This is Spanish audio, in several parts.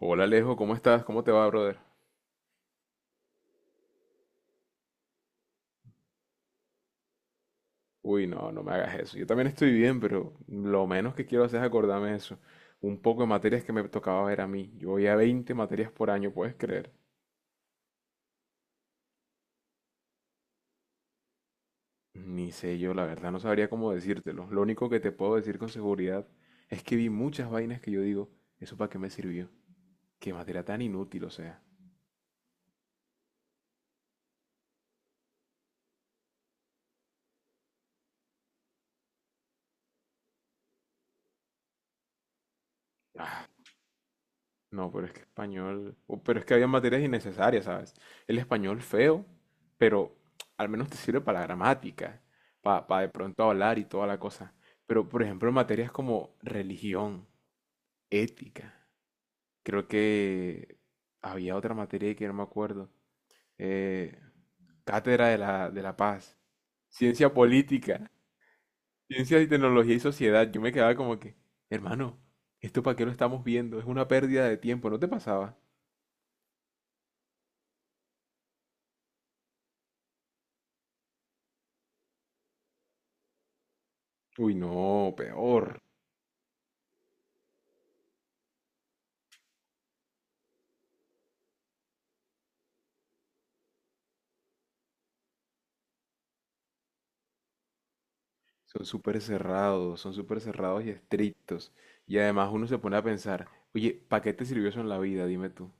Hola Alejo, ¿cómo estás? ¿Cómo te va, brother? Uy, no, no me hagas eso. Yo también estoy bien, pero lo menos que quiero hacer es acordarme de eso. Un poco de materias que me tocaba ver a mí. Yo voy a 20 materias por año, ¿puedes creer? Ni sé yo, la verdad, no sabría cómo decírtelo. Lo único que te puedo decir con seguridad es que vi muchas vainas que yo digo, ¿eso para qué me sirvió? Qué materia tan inútil, o sea. No, pero es que español. Pero es que había materias innecesarias, ¿sabes? El español feo, pero al menos te sirve para la gramática, para de pronto hablar y toda la cosa. Pero, por ejemplo, materias como religión, ética. Creo que había otra materia que no me acuerdo. eh, Cátedra de la paz, ciencia política, ciencias y tecnología y sociedad. Yo me quedaba como que, hermano, ¿esto para qué lo estamos viendo? Es una pérdida de tiempo, ¿no te pasaba? Uy, no, peor. Son súper cerrados y estrictos. Y además uno se pone a pensar, oye, ¿para qué te sirvió eso en la vida? Dime tú.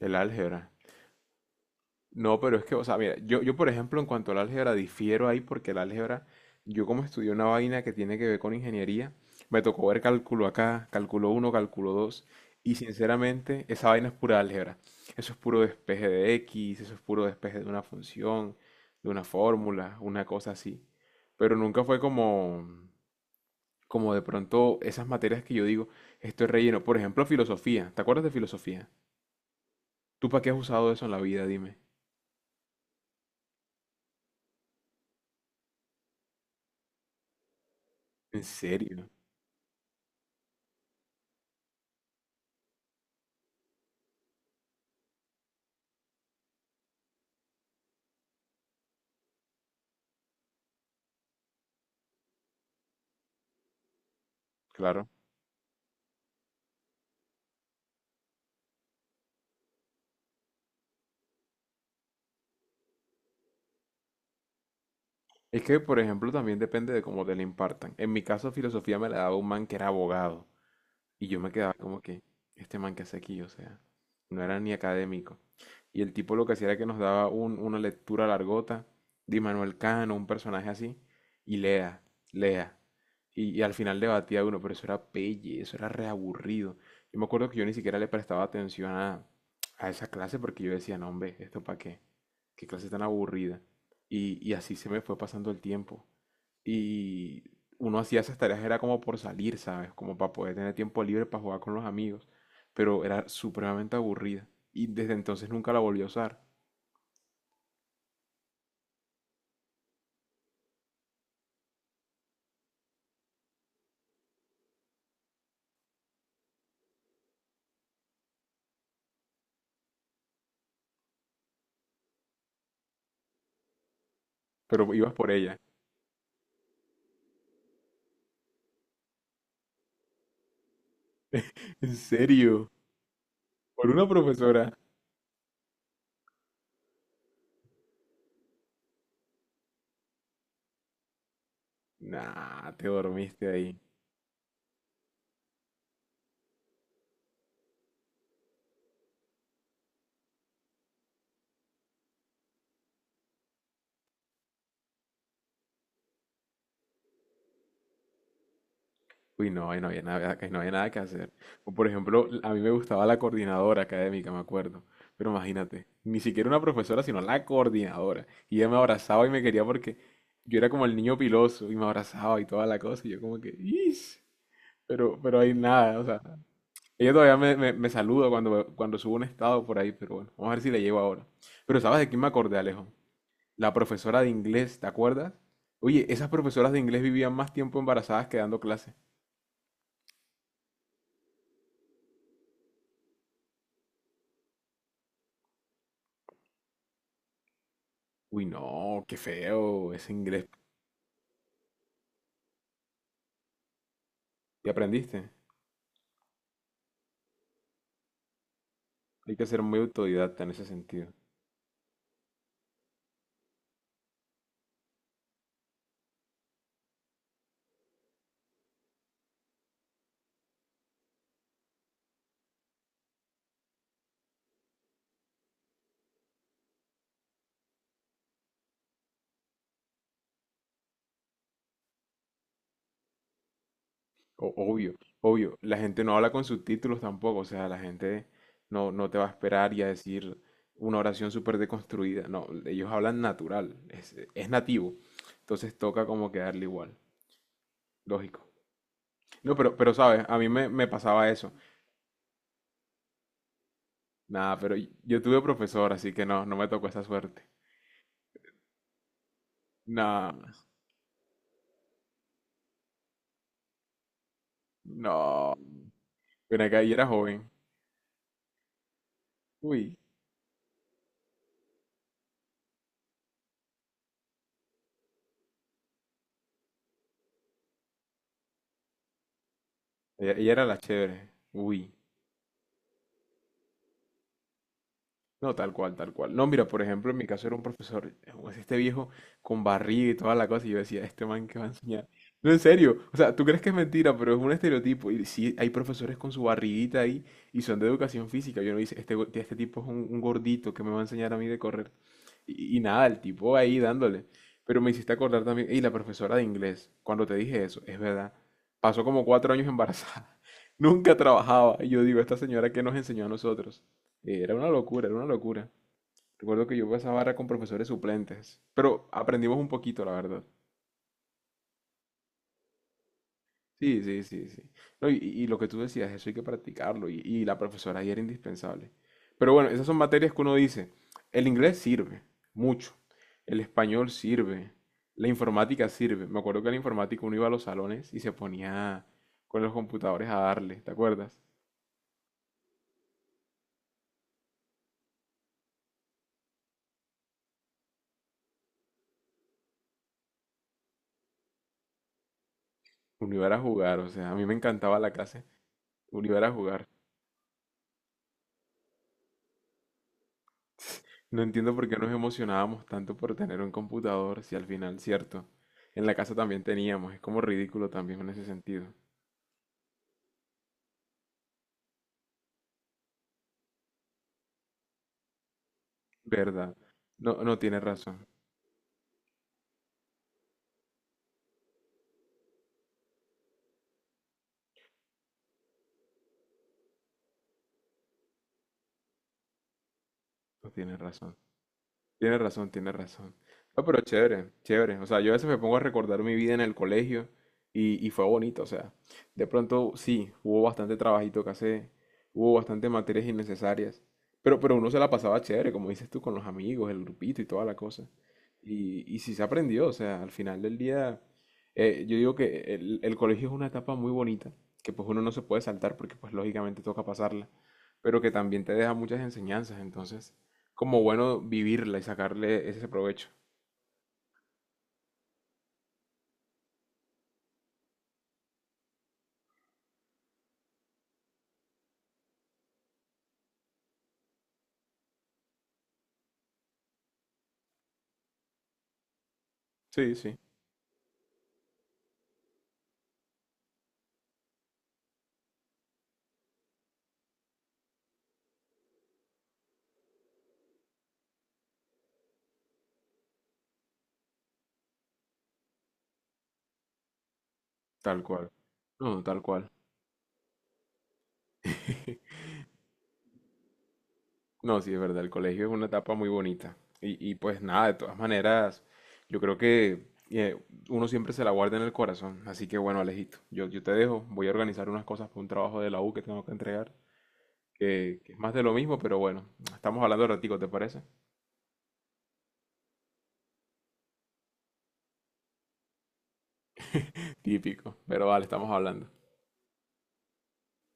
El álgebra. No, pero es que, o sea, mira, yo por ejemplo en cuanto al álgebra difiero ahí porque el álgebra, yo como estudié una vaina que tiene que ver con ingeniería, me tocó ver cálculo acá, cálculo uno, cálculo 2 y sinceramente esa vaina es pura álgebra. Eso es puro despeje de X, eso es puro despeje de una función, de una fórmula, una cosa así. Pero nunca fue como, como de pronto esas materias que yo digo, esto es relleno. Por ejemplo, filosofía, ¿te acuerdas de filosofía? ¿Tú para qué has usado eso en la vida? Dime. ¿En serio? Claro. Es que, por ejemplo, también depende de cómo te la impartan. En mi caso, filosofía me la daba un man que era abogado. Y yo me quedaba como que, este man que hace aquí, o sea, no era ni académico. Y el tipo lo que hacía era que nos daba una lectura largota de Manuel Cano, un personaje así, y lea, lea. Y al final debatía uno, pero eso era pelle, eso era reaburrido. Yo me acuerdo que yo ni siquiera le prestaba atención a esa clase porque yo decía, no, hombre, ¿esto para qué? ¿Qué clase tan aburrida? Y así se me fue pasando el tiempo. Y uno hacía esas tareas era como por salir, ¿sabes? Como para poder tener tiempo libre para jugar con los amigos. Pero era supremamente aburrida. Y desde entonces nunca la volví a usar. Pero ibas por ella. ¿En serio? ¿Por una profesora? Nah, te dormiste ahí. Uy, no, ahí no había nada, ahí no había nada que hacer. O por ejemplo, a mí me gustaba la coordinadora académica, me acuerdo. Pero imagínate, ni siquiera una profesora, sino la coordinadora. Y ella me abrazaba y me quería porque yo era como el niño piloso y me abrazaba y toda la cosa. Y yo como que, "Ish". Pero ahí nada, o sea. Ella todavía me saluda cuando subo un estado por ahí, pero bueno, vamos a ver si le llego ahora. Pero ¿sabes de quién me acordé, Alejo? La profesora de inglés, ¿te acuerdas? Oye, esas profesoras de inglés vivían más tiempo embarazadas que dando clase. Uy, no, qué feo ese inglés. ¿Y aprendiste? Hay que ser muy autodidacta en ese sentido. Obvio, obvio. La gente no habla con subtítulos tampoco. O sea, la gente no, no te va a esperar y a decir una oración súper deconstruida. No, ellos hablan natural. Es nativo. Entonces toca como que darle igual. Lógico. No, pero sabes, a mí me pasaba eso. Nada, pero yo tuve profesor, así que no, no me tocó esa suerte. Nada, no. Pero acá y era joven. Uy. Ella era la chévere. Uy. No, tal cual, tal cual. No, mira, por ejemplo, en mi caso era un profesor, es este viejo con barriga y toda la cosa, y yo decía, este man que va a enseñar. No, en serio, o sea, tú crees que es mentira, pero es un estereotipo. Y sí, hay profesores con su barriguita ahí y son de educación física. Yo no dice, este, este tipo es un gordito que me va a enseñar a mí de correr. Y nada, el tipo ahí dándole. Pero me hiciste acordar también, y la profesora de inglés, cuando te dije eso, es verdad, pasó como 4 años embarazada. Nunca trabajaba. Y yo digo, esta señora que nos enseñó a nosotros. Era una locura, era una locura. Recuerdo que yo pasaba barra con profesores suplentes, pero aprendimos un poquito, la verdad. Sí, sí, sí, sí. No, y lo que tú decías, eso hay que practicarlo y la profesora ahí era indispensable. Pero bueno, esas son materias que uno dice, el inglés sirve mucho, el español sirve, la informática sirve. Me acuerdo que en la informática uno iba a los salones y se ponía con los computadores a darle, ¿te acuerdas? Uno iba era a jugar, o sea, a mí me encantaba la clase, uno iba era a jugar. No entiendo por qué nos emocionábamos tanto por tener un computador si al final, cierto, en la casa también teníamos. Es como ridículo también en ese sentido. ¿Verdad? No, no tiene razón. No tiene razón. Tienes razón, tienes razón. No, pero chévere, chévere. O sea, yo a veces me pongo a recordar mi vida en el colegio y fue bonito. O sea, de pronto sí, hubo bastante trabajito que hacer, hubo bastante materias innecesarias, pero uno se la pasaba chévere, como dices tú, con los amigos, el grupito y toda la cosa. Y sí se aprendió, o sea, al final del día, yo digo que el colegio es una etapa muy bonita, que pues uno no se puede saltar porque pues lógicamente toca pasarla, pero que también te deja muchas enseñanzas. Entonces... Como bueno vivirla y sacarle ese provecho. Sí, sí, tal cual. No, tal cual. No, sí, es verdad, el colegio es una etapa muy bonita. Y pues nada, de todas maneras, yo creo que eh, uno siempre se la guarda en el corazón. Así que bueno, Alejito, yo te dejo, voy a organizar unas cosas para un trabajo de la U que tengo que entregar, que es más de lo mismo, pero bueno, estamos hablando de ratico, ¿te parece? Típico, pero vale, estamos hablando.